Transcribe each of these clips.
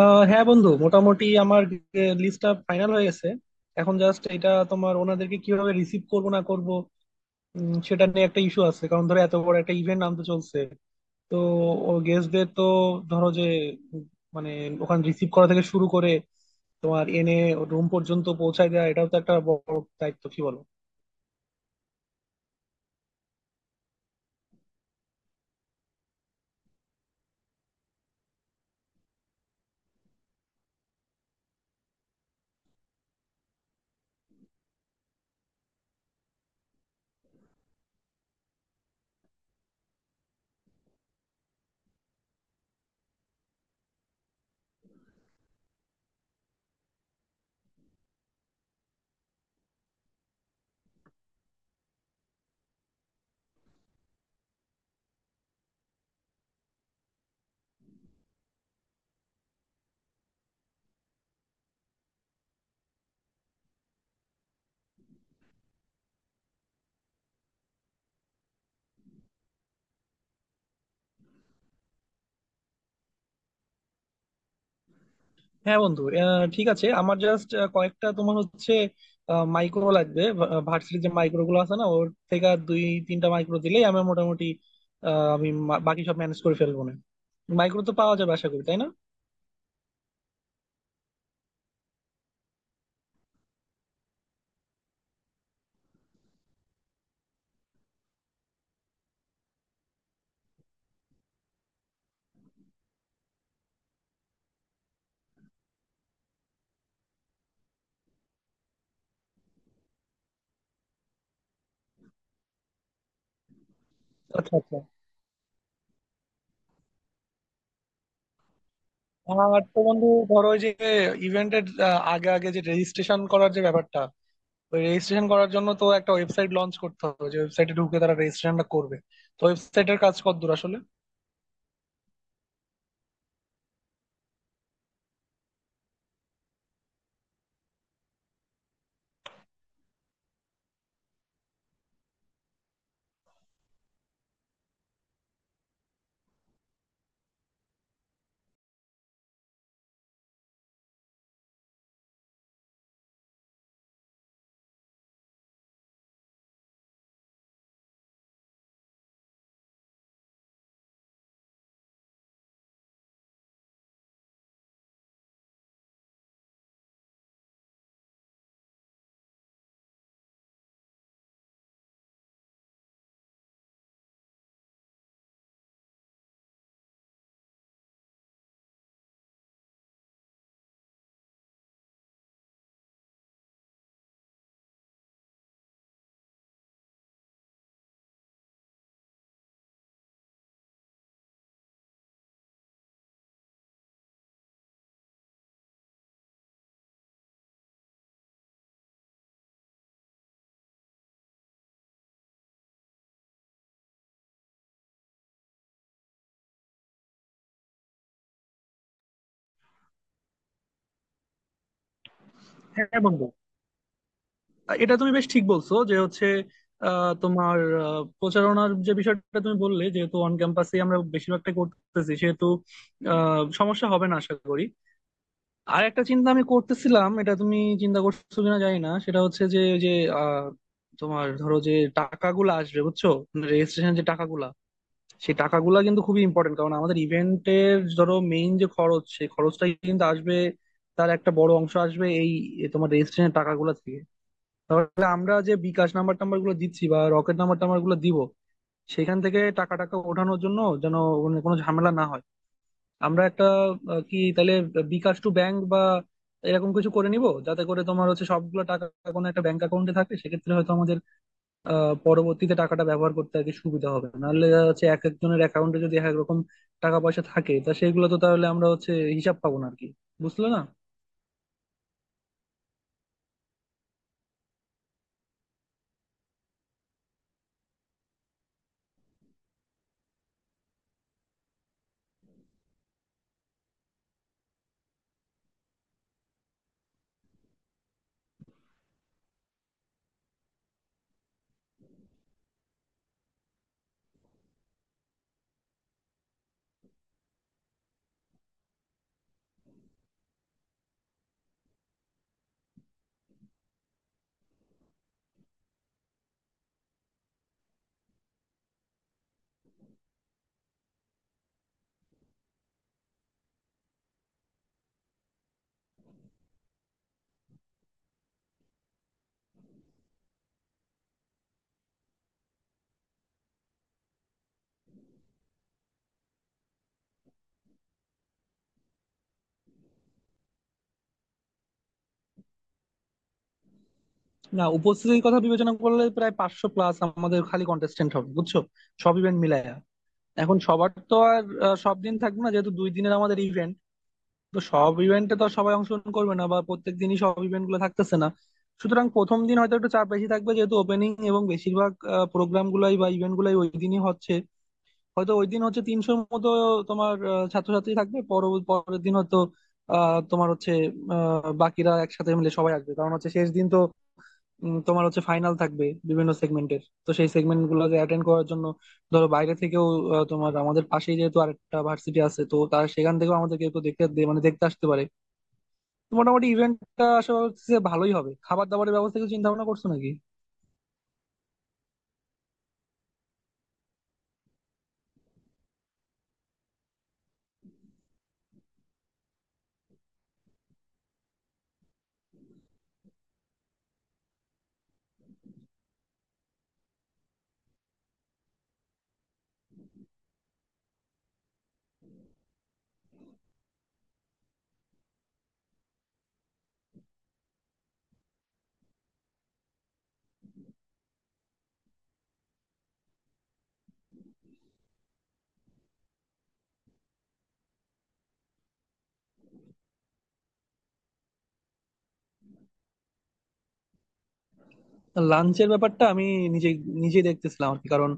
হ্যাঁ বন্ধু, মোটামুটি আমার লিস্টটা ফাইনাল হয়ে গেছে। এখন জাস্ট এটা তোমার, ওনাদেরকে কিভাবে রিসিভ করব না করব সেটা নিয়ে একটা ইস্যু আছে। কারণ ধরো, এত বড় একটা ইভেন্ট আনতে চলছে, তো ও গেস্টদের তো, ধরো যে, উম, মানে, ওখানে রিসিভ করা থেকে শুরু করে তোমার এনে রুম পর্যন্ত পৌঁছায় দেওয়া এটাও তো একটা বড় দায়িত্ব, কি বলো? হ্যাঁ বন্ধু, ঠিক আছে। আমার জাস্ট কয়েকটা তোমার হচ্ছে মাইক্রো লাগবে। ভার্সিটির যে মাইক্রো গুলো আছে না, ওর থেকে আর দুই তিনটা মাইক্রো দিলেই আমার মোটামুটি আমি বাকি সব ম্যানেজ করে ফেলবো, না? মাইক্রো তো পাওয়া যাবে আশা করি, তাই না? আচ্ছা, আচ্ছা। আর তো বন্ধু ধরো, ওই যে ইভেন্টের আগে আগে যে রেজিস্ট্রেশন করার যে ব্যাপারটা, ওই রেজিস্ট্রেশন করার জন্য তো একটা ওয়েবসাইট লঞ্চ করতে হবে, যে ওয়েবসাইটে ঢুকে তারা রেজিস্ট্রেশনটা করবে। তো ওয়েবসাইটের কাজ কতদূর আসলে? হ্যাঁ বন্ধু, এটা তুমি বেশ ঠিক বলছো যে হচ্ছে, তোমার, প্রচারণার যে বিষয়টা তুমি বললে, যেহেতু অন ক্যাম্পাসে আমরা বেশিরভাগটা করতেছি, সেহেতু সমস্যা হবে না আশা করি। আর একটা চিন্তা আমি করতেছিলাম, এটা তুমি চিন্তা করছো কিনা জানি না। সেটা হচ্ছে যে যে আহ, তোমার ধরো যে টাকাগুলো আসবে, বুঝছো? রেজিস্ট্রেশন যে টাকাগুলা, সেই টাকাগুলা কিন্তু খুবই ইম্পর্টেন্ট। কারণ আমাদের ইভেন্টের ধরো মেইন যে খরচ, সেই খরচটাই কিন্তু আসবে, তার একটা বড় অংশ আসবে এই তোমার রেজিস্ট্রেশনের টাকাগুলা থেকে। তাহলে আমরা যে বিকাশ নাম্বার টাম্বার গুলো দিচ্ছি বা রকেট নাম্বার টাম্বার গুলো দিব, সেখান থেকে টাকা টাকা ওঠানোর জন্য যেন, মানে, কোনো ঝামেলা না হয়, আমরা একটা, কি তাহলে, বিকাশ টু ব্যাংক বা এরকম কিছু করে নিব, যাতে করে তোমার হচ্ছে সবগুলো টাকা কোনো একটা ব্যাংক অ্যাকাউন্টে থাকে। সেক্ষেত্রে হয়তো আমাদের পরবর্তীতে টাকাটা ব্যবহার করতে আর কি সুবিধা হবে। নাহলে দেখা যাচ্ছে এক একজনের অ্যাকাউন্টে যদি এক এক রকম টাকা পয়সা থাকে, তা সেগুলো তো তাহলে আমরা হচ্ছে হিসাব পাবো না আর কি, বুঝলে না? না, উপস্থিতির কথা বিবেচনা করলে প্রায় 500+ আমাদের খালি কন্টেস্টেন্ট হবে, বুঝছো? সব ইভেন্ট মিলায়া। এখন সবার তো আর সব দিন থাকবে না, যেহেতু 2 দিনের আমাদের ইভেন্ট। তো সব ইভেন্টে তো আর সবাই অংশগ্রহণ করবে না, বা প্রত্যেক দিনই সব ইভেন্ট গুলো থাকতেছে না। সুতরাং প্রথম দিন হয়তো একটু চাপ বেশি থাকবে, যেহেতু ওপেনিং এবং বেশিরভাগ প্রোগ্রাম গুলাই বা ইভেন্ট গুলাই ওই দিনই হচ্ছে। হয়তো ওই দিন হচ্ছে তিনশোর মতো তোমার ছাত্রছাত্রী থাকবে। পরের দিন হয়তো তোমার হচ্ছে বাকিরা একসাথে মিলে সবাই আসবে, কারণ হচ্ছে শেষ দিন তো। তোমার হচ্ছে ফাইনাল থাকবে বিভিন্ন সেগমেন্টের, তো সেই সেগমেন্ট গুলোকে অ্যাটেন্ড করার জন্য ধরো বাইরে থেকেও, তোমার, আমাদের পাশেই যেহেতু আরেকটা ভার্সিটি আছে, তো তারা সেখান থেকেও আমাদেরকে একটু দেখতে মানে দেখতে আসতে পারে। তো মোটামুটি ইভেন্টটা আশা করছি যে ভালোই হবে। খাবার দাবারের ব্যবস্থা কিছু চিন্তা ভাবনা করছো নাকি? লাঞ্চের ব্যাপারটা আমি নিজে নিজে দেখতেছিলাম আর কি, কারণ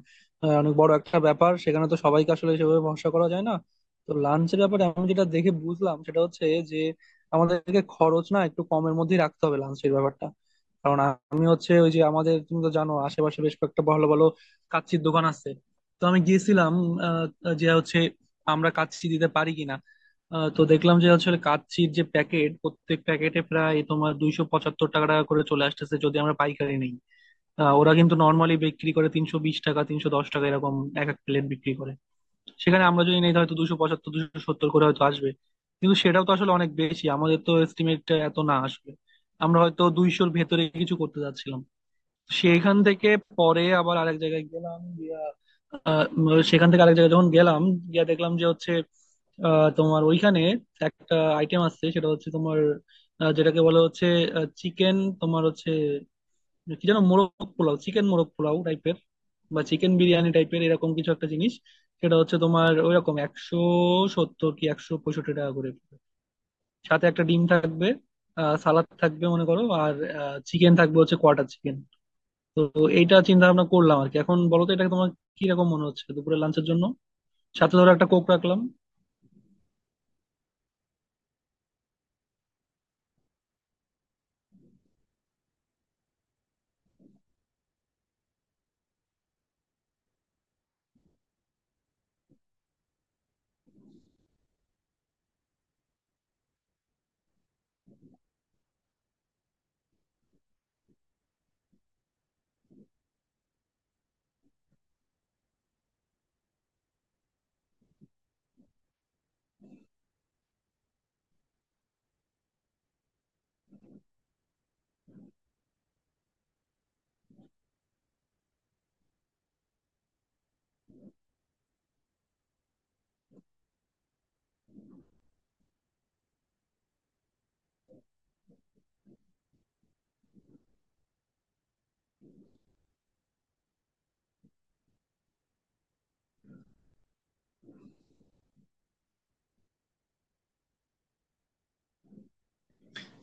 অনেক বড় একটা ব্যাপার, সেখানে তো সবাইকে আসলে সেভাবে ভরসা করা যায় না। তো লাঞ্চের ব্যাপারে আমি যেটা দেখে বুঝলাম সেটা হচ্ছে যে, আমাদেরকে খরচ না একটু কমের মধ্যেই রাখতে হবে লাঞ্চের ব্যাপারটা। কারণ আমি হচ্ছে ওই যে, আমাদের তুমি তো জানো, আশেপাশে বেশ কয়েকটা ভালো ভালো কাচ্চির দোকান আছে। তো আমি গিয়েছিলাম, যে হচ্ছে আমরা কাচ্চি দিতে পারি কিনা। তো দেখলাম যে হচ্ছে কাচ্চির যে প্যাকেট, প্রত্যেক প্যাকেটে প্রায় তোমার 275 টাকা টাকা করে চলে আসতেছে, যদি আমরা পাইকারি নিই। ওরা কিন্তু নর্মালি বিক্রি করে 320 টাকা 310 টাকা এরকম, এক এক প্লেট বিক্রি করে। সেখানে আমরা যদি নিই, হয়তো 275 270 করে হয়তো আসবে। কিন্তু সেটাও তো আসলে অনেক বেশি, আমাদের তো এস্টিমেট এত না আসবে। আমরা হয়তো দুইশোর ভেতরে কিছু করতে যাচ্ছিলাম সেখান থেকে। পরে আবার আরেক জায়গায় গেলাম গিয়া, সেখান থেকে আরেক জায়গায় যখন গেলাম গিয়া দেখলাম যে হচ্ছে তোমার ওইখানে একটা আইটেম আছে, সেটা হচ্ছে তোমার যেটাকে বলা হচ্ছে চিকেন, তোমার হচ্ছে কি যেন মোরগ পোলাও, চিকেন মোরগ পোলাও টাইপের বা চিকেন বিরিয়ানি টাইপের এরকম কিছু একটা জিনিস। সেটা হচ্ছে তোমার ওইরকম 170 কি 165 টাকা করে পড়বে। সাথে একটা ডিম থাকবে, সালাদ থাকবে মনে করো, আর চিকেন থাকবে হচ্ছে কোয়াটার চিকেন। তো এইটা চিন্তা ভাবনা করলাম আর কি। এখন বলো তো, এটা তোমার কিরকম মনে হচ্ছে দুপুরের লাঞ্চের জন্য? সাথে ধরো একটা কোক রাখলাম।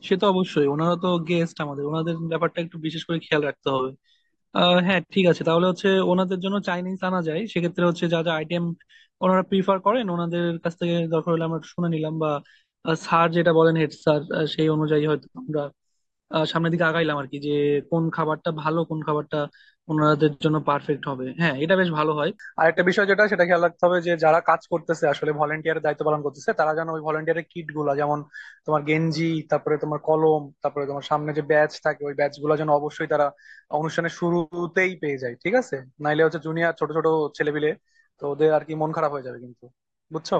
সে তো অবশ্যই, ওনারা তো গেস্ট, আমাদের ওনাদের ব্যাপারটা একটু বিশেষ করে খেয়াল রাখতে হবে। হ্যাঁ, ঠিক আছে। তাহলে হচ্ছে ওনাদের জন্য চাইনিজ আনা যায় সেক্ষেত্রে হচ্ছে, যা যা আইটেম ওনারা প্রিফার করেন, ওনাদের কাছ থেকে দরকার হলে আমরা একটু শুনে নিলাম, বা স্যার যেটা বলেন, হেড স্যার, সেই অনুযায়ী হয়তো আমরা সামনের দিকে আগাইলাম আর কি, যে কোন খাবারটা ভালো, কোন খাবারটা ওনাদের জন্য পারফেক্ট হবে। হ্যাঁ, এটা বেশ ভালো হয়। আর একটা বিষয় যেটা সেটা খেয়াল রাখতে হবে, যে যারা কাজ করতেছে, আসলে ভলেন্টিয়ারের দায়িত্ব পালন করতেছে, তারা যেন ওই ভলেন্টিয়ারের কিট গুলা, যেমন তোমার গেঞ্জি, তারপরে তোমার কলম, তারপরে তোমার সামনে যে ব্যাচ থাকে, ওই ব্যাচ গুলা যেন অবশ্যই তারা অনুষ্ঠানের শুরুতেই পেয়ে যায়, ঠিক আছে? নাইলে হচ্ছে জুনিয়র ছোট ছোট ছেলেপিলে, তো ওদের আর কি মন খারাপ হয়ে যাবে কিন্তু, বুঝছো?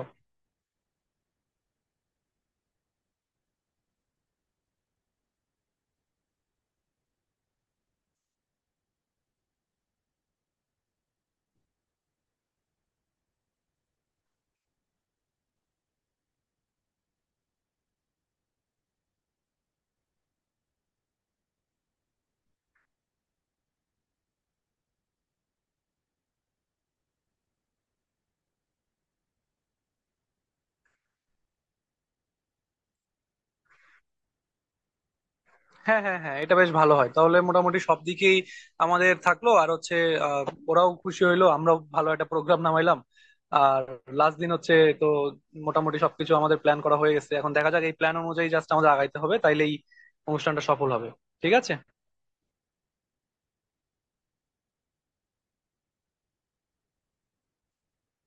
হ্যাঁ, হ্যাঁ, হ্যাঁ, এটা বেশ ভালো হয়। তাহলে মোটামুটি সব দিকেই আমাদের থাকলো, আর হচ্ছে আহ, ওরাও খুশি হইলো, আমরাও ভালো একটা প্রোগ্রাম নামাইলাম। আর লাস্ট দিন হচ্ছে, তো মোটামুটি সবকিছু আমাদের প্ল্যান করা হয়ে গেছে। এখন দেখা যাক এই প্ল্যান অনুযায়ী জাস্ট আমাদের আগাইতে হবে, তাইলেই অনুষ্ঠানটা সফল হবে। ঠিক আছে।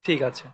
ঠিক আছে।